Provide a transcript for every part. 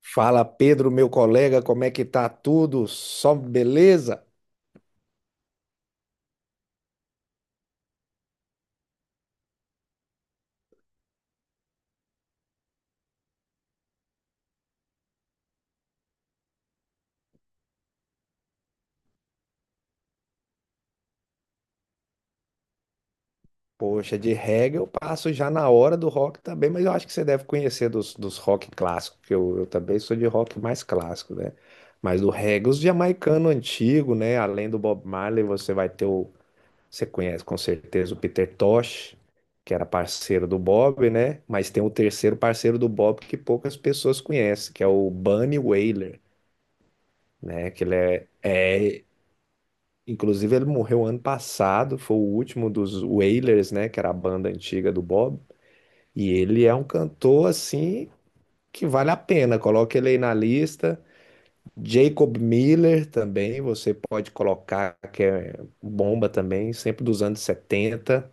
Fala Pedro, meu colega, como é que tá tudo? Só beleza? Poxa, de reggae eu passo já na hora do rock também, mas eu acho que você deve conhecer dos rock clássicos, que eu também sou de rock mais clássico, né? Mas do reggae, os jamaicano antigo, né? Além do Bob Marley, você vai ter o. Você conhece com certeza o Peter Tosh, que era parceiro do Bob, né? Mas tem um terceiro parceiro do Bob que poucas pessoas conhecem, que é o Bunny Wailer, né? Que ele é inclusive, ele morreu ano passado, foi o último dos Wailers, né, que era a banda antiga do Bob. E ele é um cantor, assim, que vale a pena. Coloca ele aí na lista. Jacob Miller também, você pode colocar, que é bomba também, sempre dos anos 70.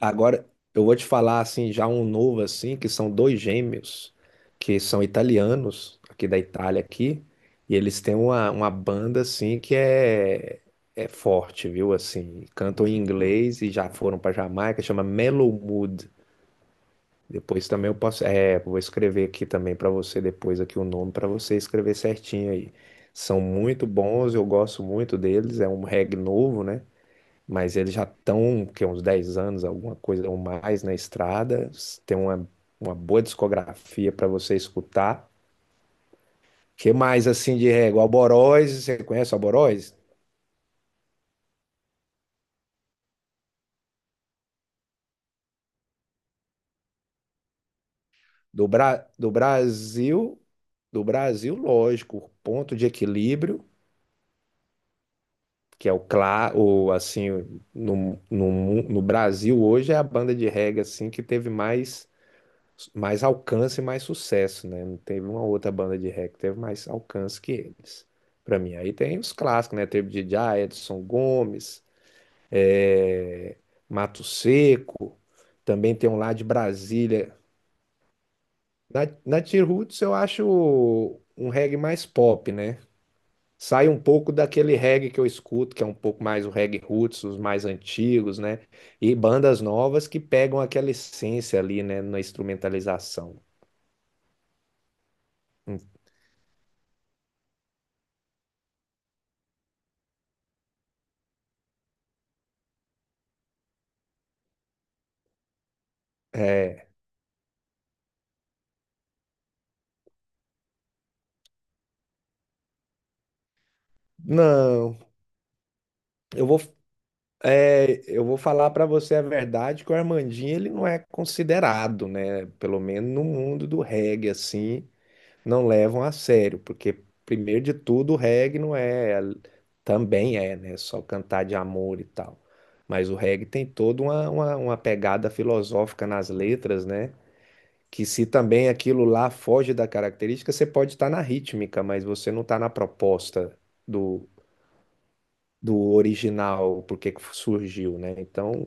Agora, eu vou te falar assim, já um novo assim, que são dois gêmeos, que são italianos, aqui da Itália aqui, e eles têm uma banda assim que é forte, viu? Assim, cantam em inglês e já foram para Jamaica, chama Mellow Mood. Depois também eu posso, é, vou escrever aqui também para você depois aqui o nome para você escrever certinho aí. São muito bons, eu gosto muito deles, é um reggae novo, né? Mas eles já estão, que uns 10 anos, alguma coisa ou mais na estrada, tem uma boa discografia para você escutar. Que mais assim de régua? Alboróis, você conhece Alboróis? Do Brasil, do Brasil, lógico, Ponto de Equilíbrio, que é o claro, o, assim, no Brasil hoje é a banda de reggae assim que teve mais mais alcance e mais sucesso, né? Não teve uma outra banda de rap que teve mais alcance que eles. Pra mim, aí tem os clássicos, né? Teve DJ, Edson Gomes, é, Mato Seco, também tem um lá de Brasília. Na T-Roots eu acho um reggae mais pop, né? Sai um pouco daquele reggae que eu escuto, que é um pouco mais o reggae roots, os mais antigos, né? E bandas novas que pegam aquela essência ali, né, na instrumentalização. Hum, é, não, eu vou, é, eu vou falar pra você a verdade que o Armandinho ele não é considerado, né? Pelo menos no mundo do reggae assim, não levam a sério, porque primeiro de tudo o reggae não é, também é, né? Só cantar de amor e tal. Mas o reggae tem toda uma pegada filosófica nas letras, né? Que se também aquilo lá foge da característica, você pode estar na rítmica, mas você não está na proposta do original, por que que surgiu, né? Então,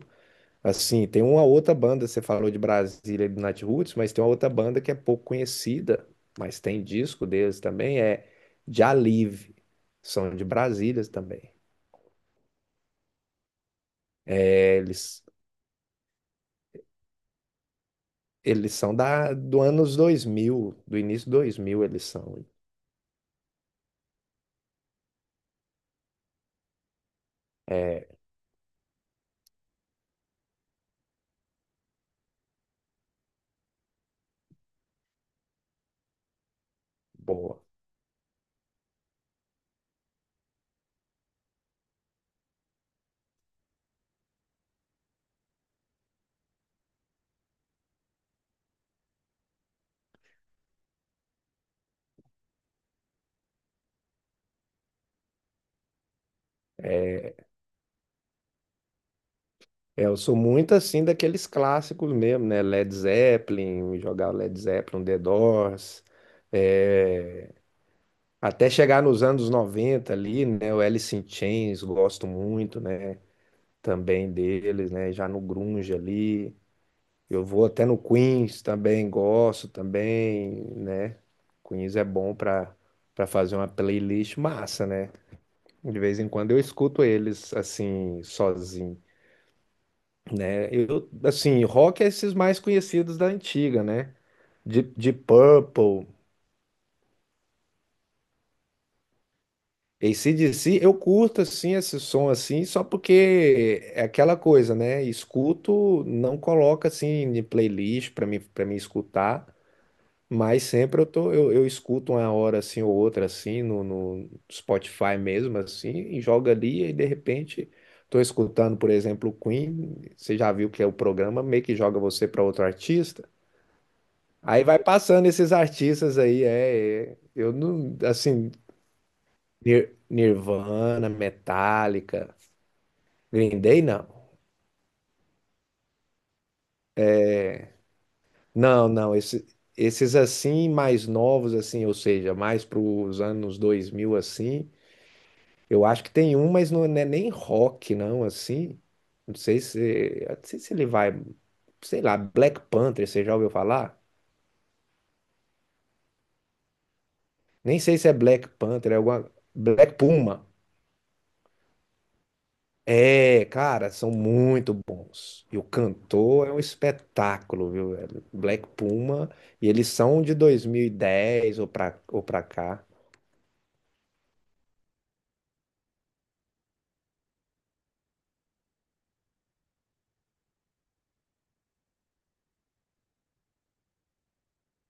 assim, tem uma outra banda, você falou de Brasília e do Natiruts, mas tem uma outra banda que é pouco conhecida, mas tem disco deles também, é Jalive, são de Brasília também. É, eles são da, do anos 2000, do início 2000 eles são. É, boa. É, eu sou muito assim daqueles clássicos mesmo, né? Led Zeppelin, jogar Led Zeppelin, The Doors, é, até chegar nos anos 90 ali, né? O Alice in Chains, gosto muito, né? Também deles, né? Já no grunge ali. Eu vou até no Queens também, gosto também, né? Queens é bom para para fazer uma playlist massa, né? De vez em quando eu escuto eles assim, sozinho, né? Eu, assim, rock é esses mais conhecidos da antiga, né? Deep Purple, AC/DC, eu curto assim esse som assim, só porque é aquela coisa, né? Escuto, não coloca assim em playlist para mim escutar, mas sempre eu tô eu escuto uma hora assim ou outra assim no Spotify mesmo assim e joga ali e de repente tô escutando, por exemplo, o Queen, você já viu que é o programa meio que joga você para outro artista. Aí vai passando esses artistas aí, eu não assim Nirvana, Metallica, Green Day, não. Não, esse- esses assim mais novos assim, ou seja, mais para os anos 2000 assim, eu acho que tem um, mas não é nem rock não assim. Não sei se, eu não sei se ele vai, sei lá, Black Panther, você já ouviu falar? Nem sei se é Black Panther, é alguma Black Puma. É, cara, são muito bons. E o cantor é um espetáculo, viu, velho? Black Puma, e eles são de 2010 ou pra cá.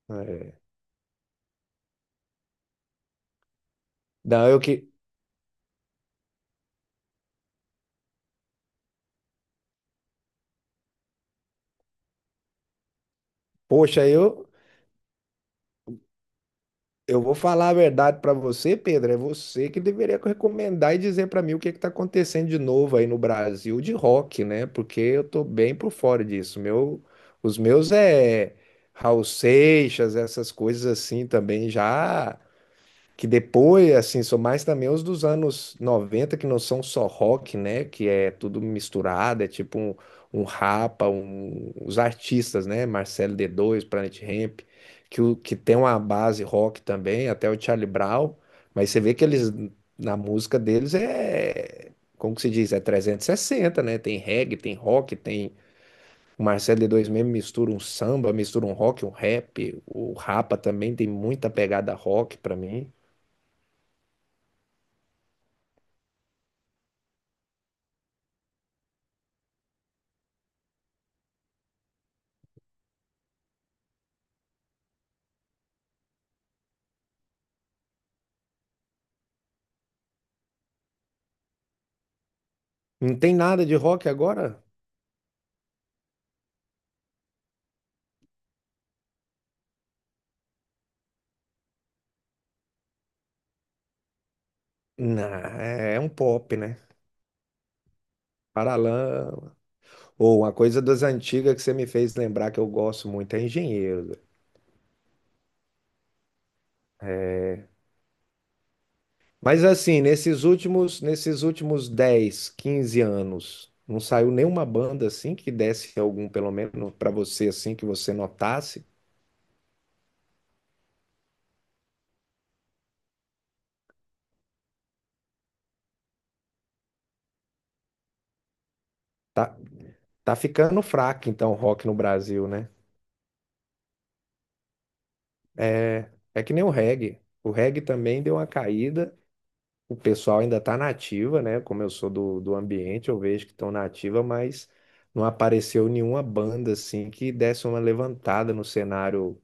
É. Não, eu que. Poxa, eu vou falar a verdade pra você, Pedro. É você que deveria recomendar e dizer pra mim o que que tá acontecendo de novo aí no Brasil de rock, né? Porque eu tô bem por fora disso. Meu, os meus é Raul Seixas, essas coisas assim também já. Que depois, assim, são mais também os dos anos 90 que não são só rock, né? Que é tudo misturado, é tipo um, um rapa, os artistas, né? Marcelo D2, Planet Hemp, que, que tem uma base rock também, até o Charlie Brown, mas você vê que eles, na música deles é, como que se diz? É 360, né? Tem reggae, tem rock, tem... O Marcelo D2 mesmo mistura um samba, mistura um rock, um rap. O Rapa também tem muita pegada rock pra mim. Não tem nada de rock agora? Não, é um pop, né? Paralama. Ou uma coisa das antigas que você me fez lembrar que eu gosto muito é Engenheiro. Mas assim, nesses últimos 10, 15 anos, não saiu nenhuma banda assim que desse algum, pelo menos pra você assim que você notasse. Tá, tá ficando fraco então o rock no Brasil, né? É, é que nem o reggae. O reggae também deu uma caída. O pessoal ainda está na ativa, né? Como eu sou do ambiente, eu vejo que estão na ativa, mas não apareceu nenhuma banda assim que desse uma levantada no cenário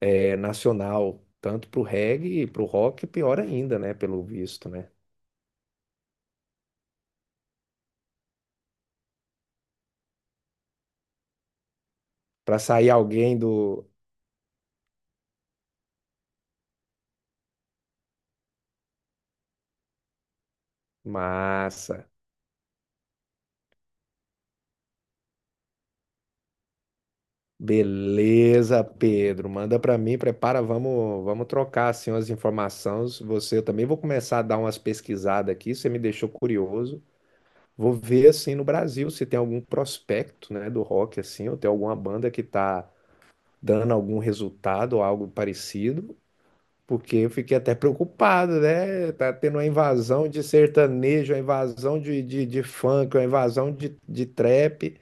nacional, tanto para o reggae e para o rock, pior ainda, né? Pelo visto, né? Para sair alguém do. Massa! Beleza, Pedro. Manda para mim, prepara, vamos, vamos trocar assim as informações. Você, eu também vou começar a dar umas pesquisadas aqui, você me deixou curioso. Vou ver assim no Brasil se tem algum prospecto, né, do rock assim, ou tem alguma banda que tá dando algum resultado ou algo parecido, porque eu fiquei até preocupado, né? Tá tendo uma invasão de sertanejo, uma invasão de funk, uma invasão de trap.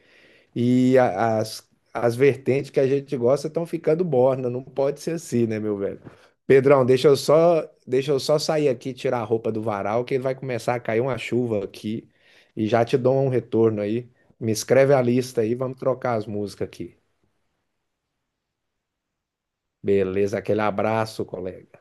E as, as vertentes que a gente gosta estão ficando morna, não pode ser assim, né, meu velho? Pedrão, deixa eu só sair aqui e tirar a roupa do varal, que vai começar a cair uma chuva aqui e já te dou um retorno aí. Me escreve a lista aí, vamos trocar as músicas aqui. Beleza, aquele abraço, colega.